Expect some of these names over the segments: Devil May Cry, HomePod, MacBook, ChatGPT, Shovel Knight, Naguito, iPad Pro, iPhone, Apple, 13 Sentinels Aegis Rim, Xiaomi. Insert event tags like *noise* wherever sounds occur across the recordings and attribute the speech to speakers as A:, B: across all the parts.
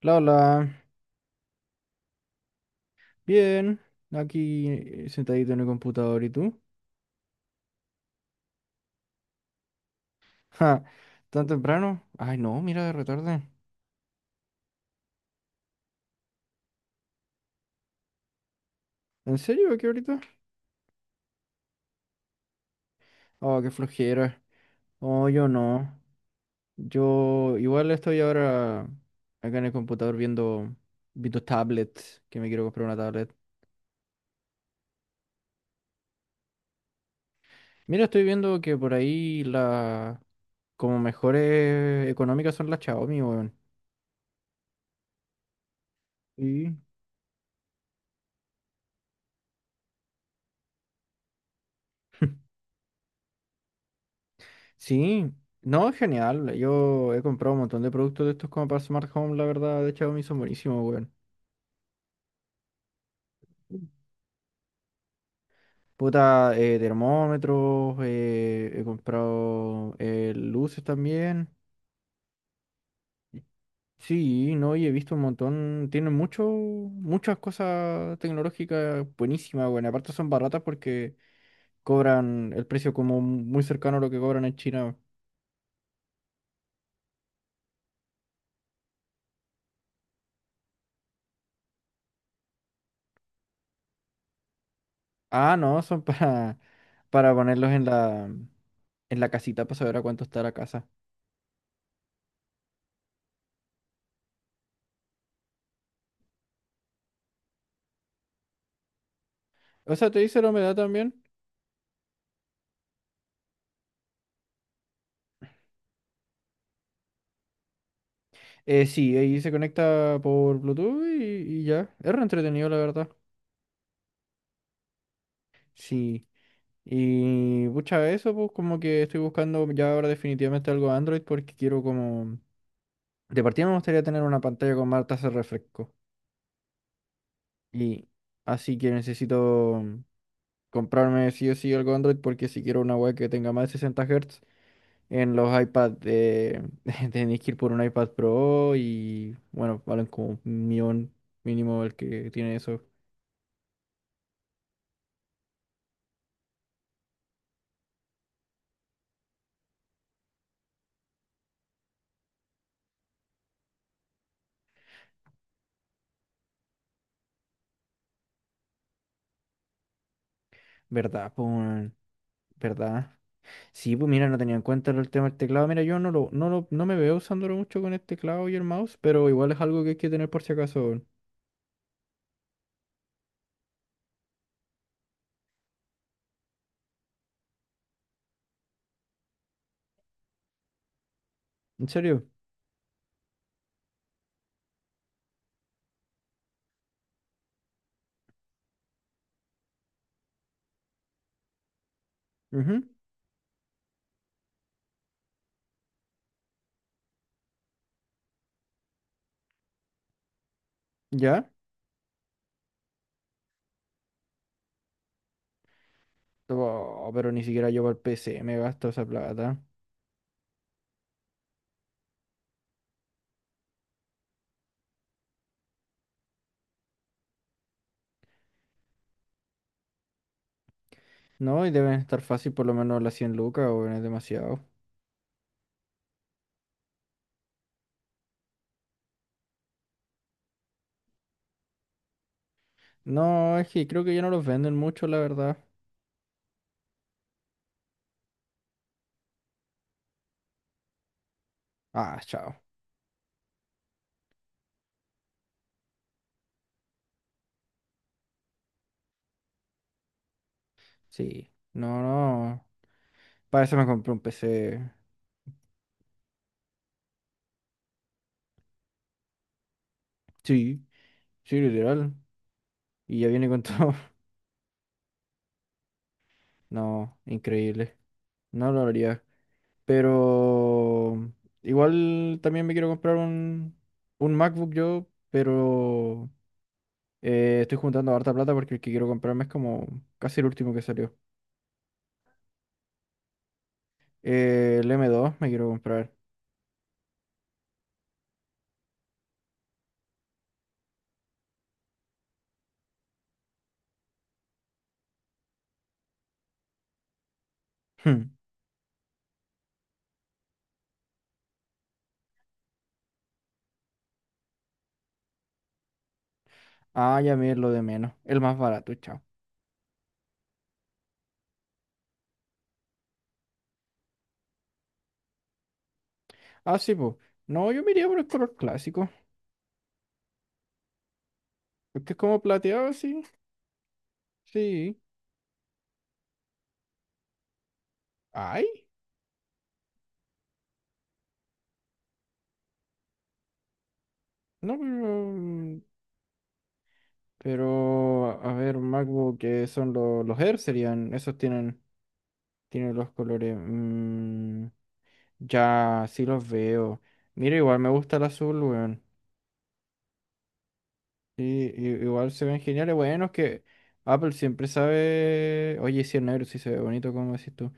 A: Hola, bien, aquí sentadito en el computador, ¿y tú? *laughs* Ja, ¿tan temprano? Ay, no, mira, de retarde. ¿En serio? ¿Aquí ahorita? Oh, qué flojera. Oh, yo no. Yo igual estoy ahora acá en el computador viendo tablets, que me quiero comprar una tablet. Mira, estoy viendo que por ahí como mejores económicas son las Xiaomi, weón. Sí. *laughs* Sí, no, es genial. Yo he comprado un montón de productos de estos como para Smart Home, la verdad, de Xiaomi son buenísimos, weón. Puta, termómetros, he comprado luces también. Sí, no, y he visto un montón, tienen muchas cosas tecnológicas buenísimas, weón. Aparte son baratas porque cobran el precio como muy cercano a lo que cobran en China. Ah, no, son *laughs* para ponerlos en la casita para saber a cuánto está la casa. O sea, te dice la humedad también. Sí, ahí se conecta por Bluetooth y ya. Es re entretenido, la verdad. Sí. Y pucha, eso, pues como que estoy buscando ya ahora definitivamente algo Android porque quiero como... De partida me gustaría tener una pantalla con más tasa de refresco. Y así que necesito comprarme sí o sí algo Android porque si quiero una web que tenga más de 60 Hz. En los iPads *laughs* tenéis que ir por un iPad Pro y bueno, valen como 1 millón mínimo el que tiene eso. ¿Verdad? ¿Pues, weón? ¿Verdad? Sí, pues mira, no tenía en cuenta el tema del teclado. Mira, yo no me veo usándolo mucho con el teclado y el mouse, pero igual es algo que hay que tener por si acaso, weón. ¿En serio? Ujú. ¿Ya? Oh, pero ni siquiera yo para el PC me gasto esa plata. No, y deben estar fácil por lo menos las 100 lucas, o es demasiado. No, es que creo que ya no los venden mucho, la verdad. Ah, chao. Sí. No, no. Para eso me compré un PC. Sí, sí, literal. Y ya viene con todo. *laughs* No, increíble. No lo haría. Pero igual también me quiero comprar un, MacBook yo, pero estoy juntando harta plata porque el que quiero comprarme es como casi el último que salió. El M2 me quiero comprar. Hmm. Ah, ya me es lo de menos. El más barato, chao. Ah, sí, pues. No, yo me iría por el color clásico. Porque es como plateado, sí. Sí. Ay. No, pero. Pero, a ver, MacBook, que son los Air serían. Esos tienen los colores. Ya, sí los veo. Mira, igual me gusta el azul, weón. Sí, igual se ven geniales. Bueno, es que Apple siempre sabe. Oye, sí, el negro sí se ve bonito, como decís tú.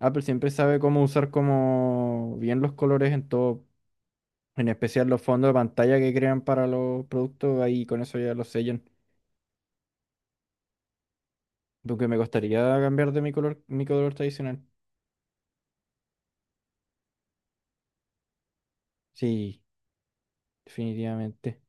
A: Apple siempre sabe cómo usar como bien los colores en todo. En especial los fondos de pantalla que crean para los productos, ahí con eso ya los sellan. Aunque me costaría cambiar de mi color tradicional. Sí, definitivamente.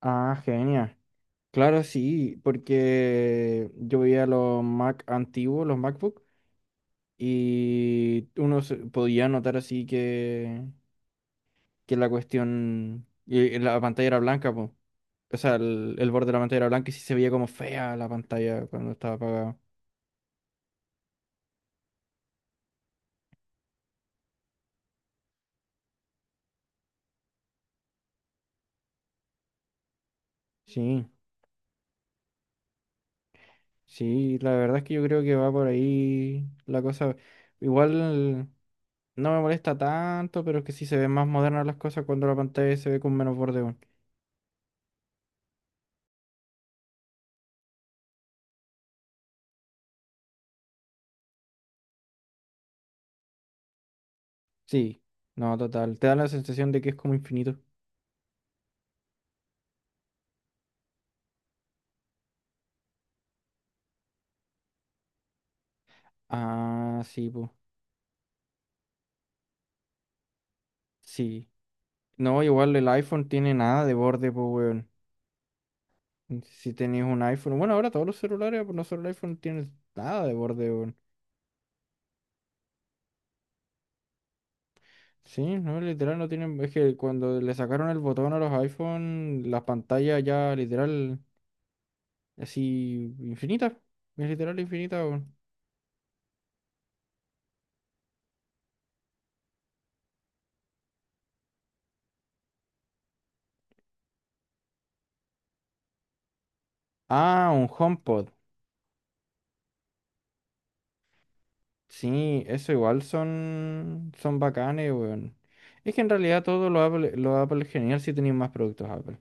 A: Ah, genial. Claro, sí, porque yo veía los Mac antiguos, los MacBook, y uno podía notar así que la cuestión, y la pantalla era blanca, po. O sea, el borde de la pantalla era blanco y sí se veía como fea la pantalla cuando estaba apagada. Sí. Sí, la verdad es que yo creo que va por ahí la cosa. Igual no me molesta tanto, pero es que sí se ven más modernas las cosas cuando la pantalla se ve con menos borde, weón. Sí, no, total. Te da la sensación de que es como infinito. Ah, sí, pues. Sí. No, igual el iPhone tiene nada de borde, pues, weón. Si tenés un iPhone. Bueno, ahora todos los celulares, pues no solo el iPhone, tienen nada de borde, weón. Sí, no, literal no tienen. Es que cuando le sacaron el botón a los iPhone, las pantallas ya literal. Así, infinita. Es literal infinita, weón. Ah, un HomePod. Sí, eso igual son bacanes, weón. Es que en realidad todo lo Apple es genial si tenéis más productos Apple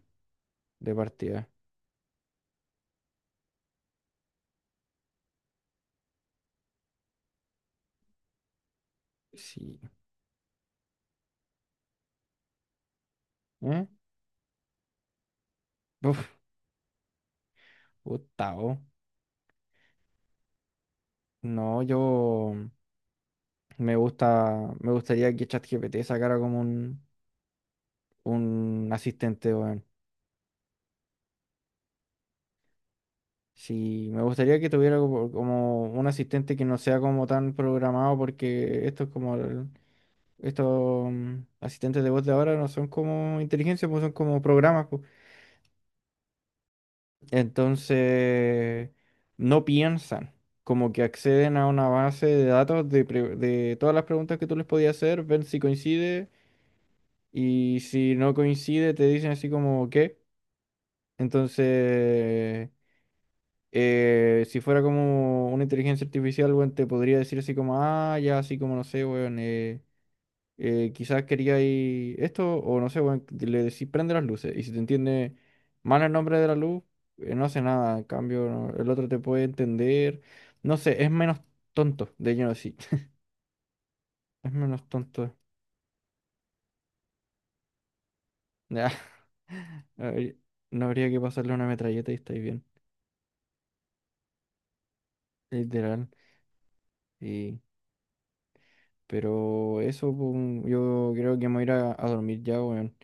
A: de partida. Sí. ¿Eh? Uf, Gustavo. No, yo me gustaría que ChatGPT sacara como un, asistente, weón. Sí, me gustaría que tuviera como un asistente que no sea como tan programado porque esto es como Estos asistentes de voz de ahora no son como inteligencia, pues son como programas, pues. Entonces, no piensan, como que acceden a una base de datos de todas las preguntas que tú les podías hacer, ven si coincide y si no coincide te dicen así como qué. Entonces, si fuera como una inteligencia artificial, bueno, te podría decir así como, ah, ya, así como no sé, weón, quizás quería ir esto, o no sé, weón, le decís prende las luces. Y si te entiende mal el nombre de la luz, no hace nada. En cambio, no, el otro te puede entender. No sé, es menos tonto, de lleno sí. *laughs* Es menos tonto. Ya, *laughs* habría- no habría que pasarle una metralleta y estáis bien. Literal. Y, pero eso, pum, yo creo que me voy a ir a dormir ya, weón.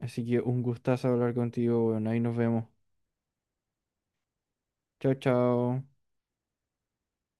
A: Así que un gustazo hablar contigo, weón. Ahí nos vemos. Chao, chao.